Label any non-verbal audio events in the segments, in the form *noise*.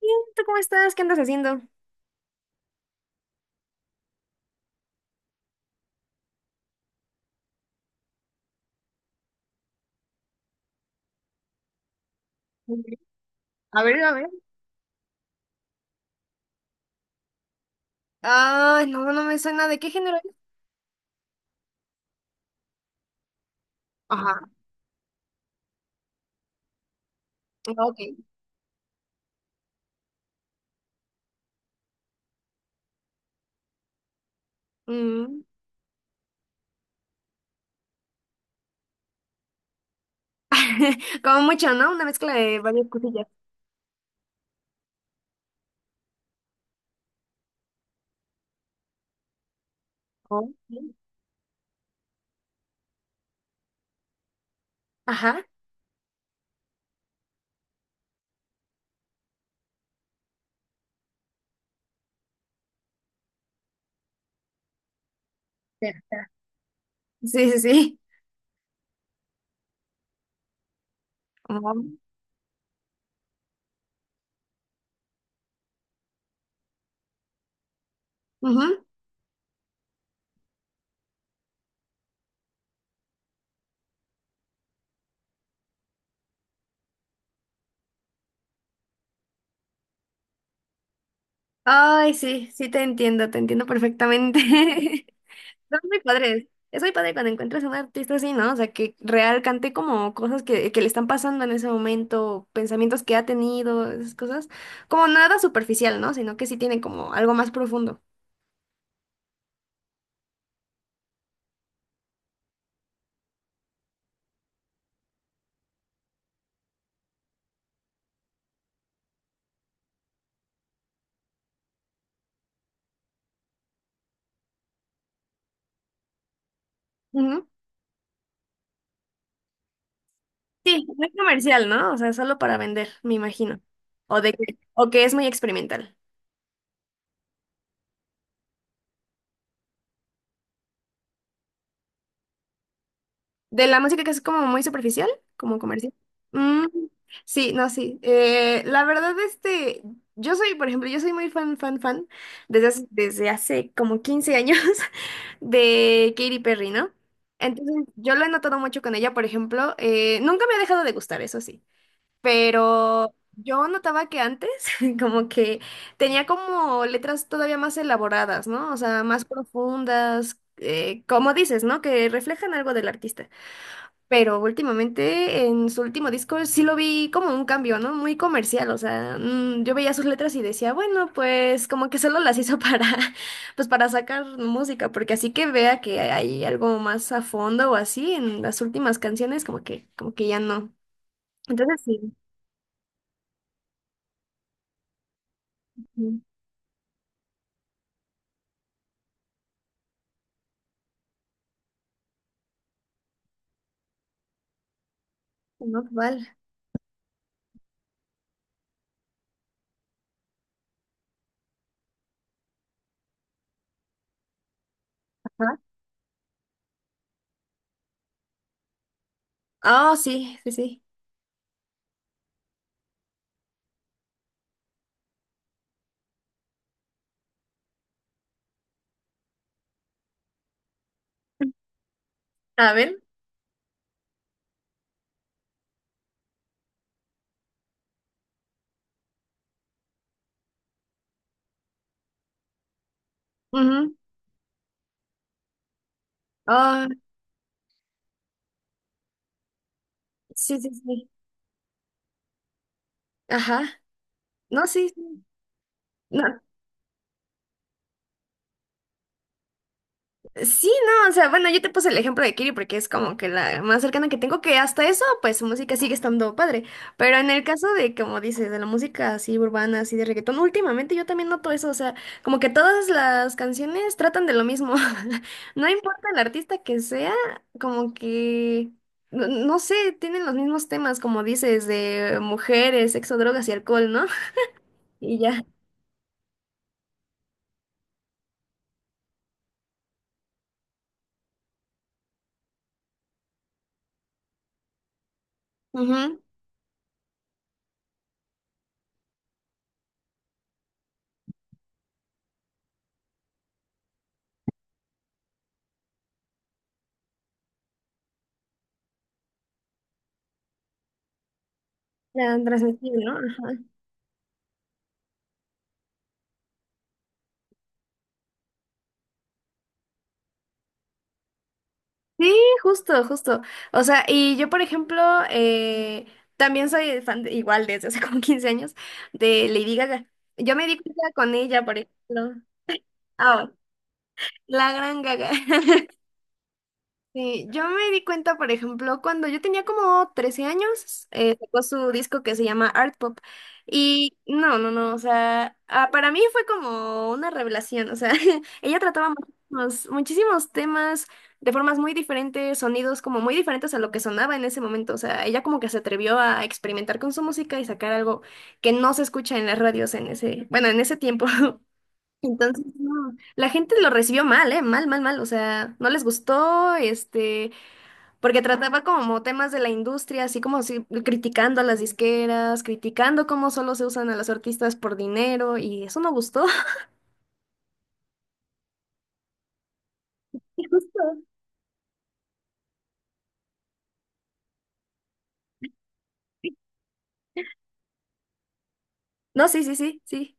Bien, ¿tú cómo estás? ¿Qué andas haciendo? Muy bien. A ver, a ver. Ay, no, no me suena. ¿De qué género es? Ajá. Ok. Mm. *laughs* Como mucho, ¿no? Una mezcla de varias cosillas. Ok. Ajá. Ya. Sí, sí, sí. Ujú. Ujú. Ay, sí, sí te entiendo perfectamente. *laughs* Son muy padres. Es muy padre cuando encuentras a un artista así, ¿no? O sea, que real cante como cosas que le están pasando en ese momento, pensamientos que ha tenido, esas cosas. Como nada superficial, ¿no? Sino que sí tiene como algo más profundo. Ujú. Sí, no es comercial, ¿no? O sea, solo para vender, me imagino. O de que, o que es muy experimental. De la música que es como muy superficial, como comercial. Mm, sí, no, sí. La verdad, este, yo soy, por ejemplo, yo soy muy fan, fan, fan, desde hace como 15 años *laughs* de Katy Perry, ¿no? Entonces, yo lo he notado mucho con ella, por ejemplo. Nunca me ha dejado de gustar, eso sí. Pero yo notaba que antes, *laughs* como que tenía como letras todavía más elaboradas, ¿no? O sea, más profundas, como dices, ¿no? Que reflejan algo del artista. Pero últimamente en su último disco sí lo vi como un cambio, ¿no? Muy comercial, o sea, yo veía sus letras y decía, bueno, pues como que solo las hizo para, *laughs* pues para sacar música, porque así que vea que hay algo más a fondo o así en las últimas canciones, como que ya no. Entonces sí, mm, no, vale. Ajá. Ah, sí, sí, sí. A ver. Ujú. Ah, sí, sí, sí. Ajá. No, sí. sí. No. Sí, no, o sea, bueno, yo te puse el ejemplo de Kiri porque es como que la más cercana que tengo, que hasta eso, pues su música sigue estando padre. Pero en el caso de, como dices, de la música así urbana, así de reggaetón, últimamente yo también noto eso, o sea, como que todas las canciones tratan de lo mismo. *laughs* No importa el artista que sea, como que, no, no sé, tienen los mismos temas, como dices, de mujeres, sexo, drogas y alcohol, ¿no? *laughs* Y ya. Ujú. La transmisión, ¿no? Ajá. Sí, justo, justo. O sea, y yo, por ejemplo, eh, también soy fan, igual desde hace *laughs* como 15 años, de Lady Gaga. Yo me di cuenta con ella, por ejemplo. Ah, la gran Gaga. *laughs* Sí, yo me di cuenta, por ejemplo, cuando yo tenía como 13 años, sacó su disco que se llama Art Pop. Y no, no, no, o sea, ah, para mí fue como una revelación, o sea, *laughs* ella trataba muchísimos, muchísimos temas de formas muy diferentes, sonidos como muy diferentes a lo que sonaba en ese momento, o sea, ella como que se atrevió a experimentar con su música y sacar algo que no se escucha en las radios en ese, bueno, en ese tiempo. *laughs* Entonces, no, la gente lo recibió mal, ¿eh? Mal, mal, mal. O sea, no les gustó, este, porque trataba como temas de la industria, así como si, criticando a las disqueras, criticando cómo solo se usan a los artistas por dinero, y eso no gustó. *laughs* Y justo, no, sí, sí, sí, sí.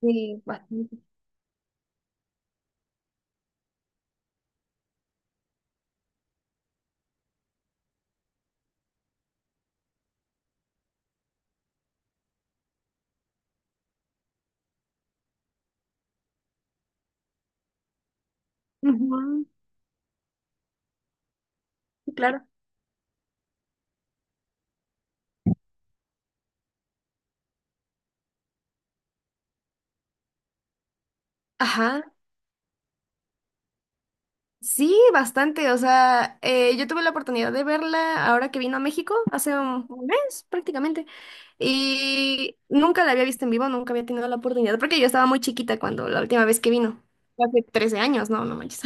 Sí, bastante. Ujú, sí, claro. Ajá. Sí, bastante. O sea, yo tuve la oportunidad de verla ahora que vino a México, hace un mes prácticamente. Y nunca la había visto en vivo, nunca había tenido la oportunidad, porque yo estaba muy chiquita cuando la última vez que vino. Hace 13 años, no, no manches.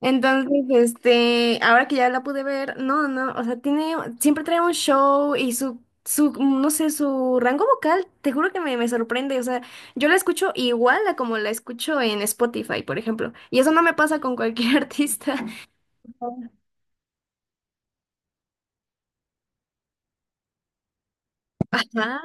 Entonces, este, ahora que ya la pude ver, no, no, o sea, tiene, siempre trae un show y su, no sé, su rango vocal, te juro que me sorprende, o sea, yo la escucho igual a como la escucho en Spotify, por ejemplo, y eso no me pasa con cualquier *laughs* artista. Ajá.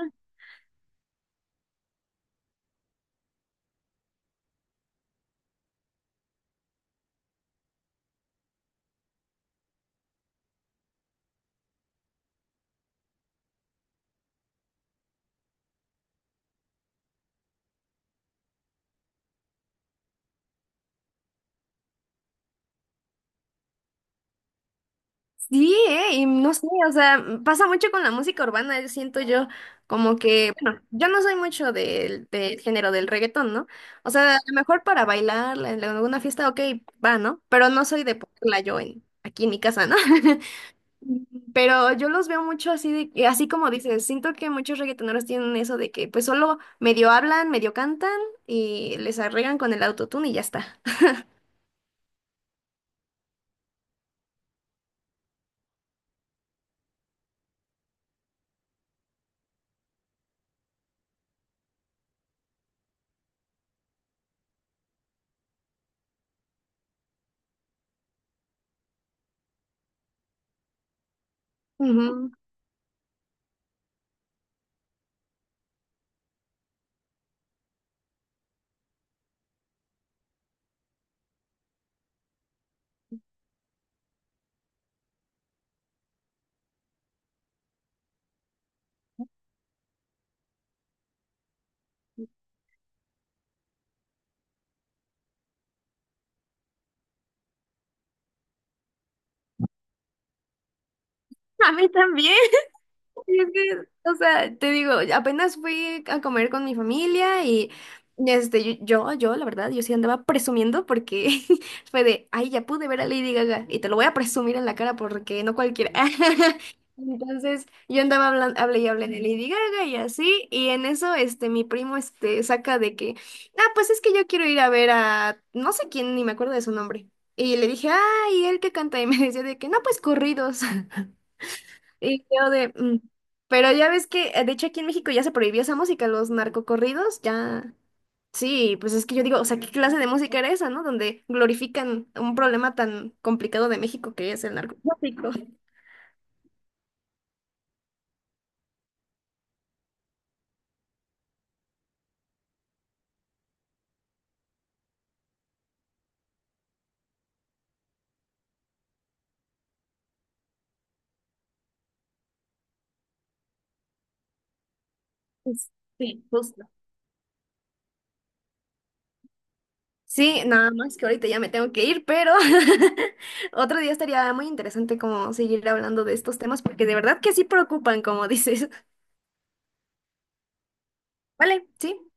Sí, y no sé, o sea, pasa mucho con la música urbana, yo siento yo como que, bueno, yo no soy mucho del género del reggaetón, ¿no? O sea, a lo mejor para bailar en alguna fiesta, ok, va, ¿no? Pero no soy de ponerla yo en, aquí en mi casa, ¿no? *laughs* Pero yo los veo mucho así, así como dices, siento que muchos reggaetoneros tienen eso de que pues solo medio hablan, medio cantan y les arreglan con el autotune y ya está. Ujú. A mí también. Es que, o sea, te digo, apenas fui a comer con mi familia y este, yo, la verdad, yo sí andaba presumiendo porque *laughs* fue de, ay, ya pude ver a Lady Gaga y te lo voy a presumir en la cara porque no cualquiera. *laughs* Entonces, yo andaba hablando, hablé y hablé de Lady Gaga y así, y en eso, este, mi primo, este, saca de que, ah, pues es que yo quiero ir a ver a, no sé quién, ni me acuerdo de su nombre. Y le dije, ay, ¿y él que canta? Y me decía de que, no, pues corridos. Y yo de... mm. Pero ya ves que, de hecho, aquí en México ya se prohibió esa música, los narcocorridos, ya... Sí, pues es que yo digo, o sea, ¿qué clase de música era esa, no? Donde glorifican un problema tan complicado de México que es el narcotráfico. Pues, sí, justo. Sí, nada más que ahorita ya me tengo que ir, pero *laughs* otro día estaría muy interesante como seguir hablando de estos temas, porque de verdad que sí preocupan, como dices. *laughs* Vale, sí.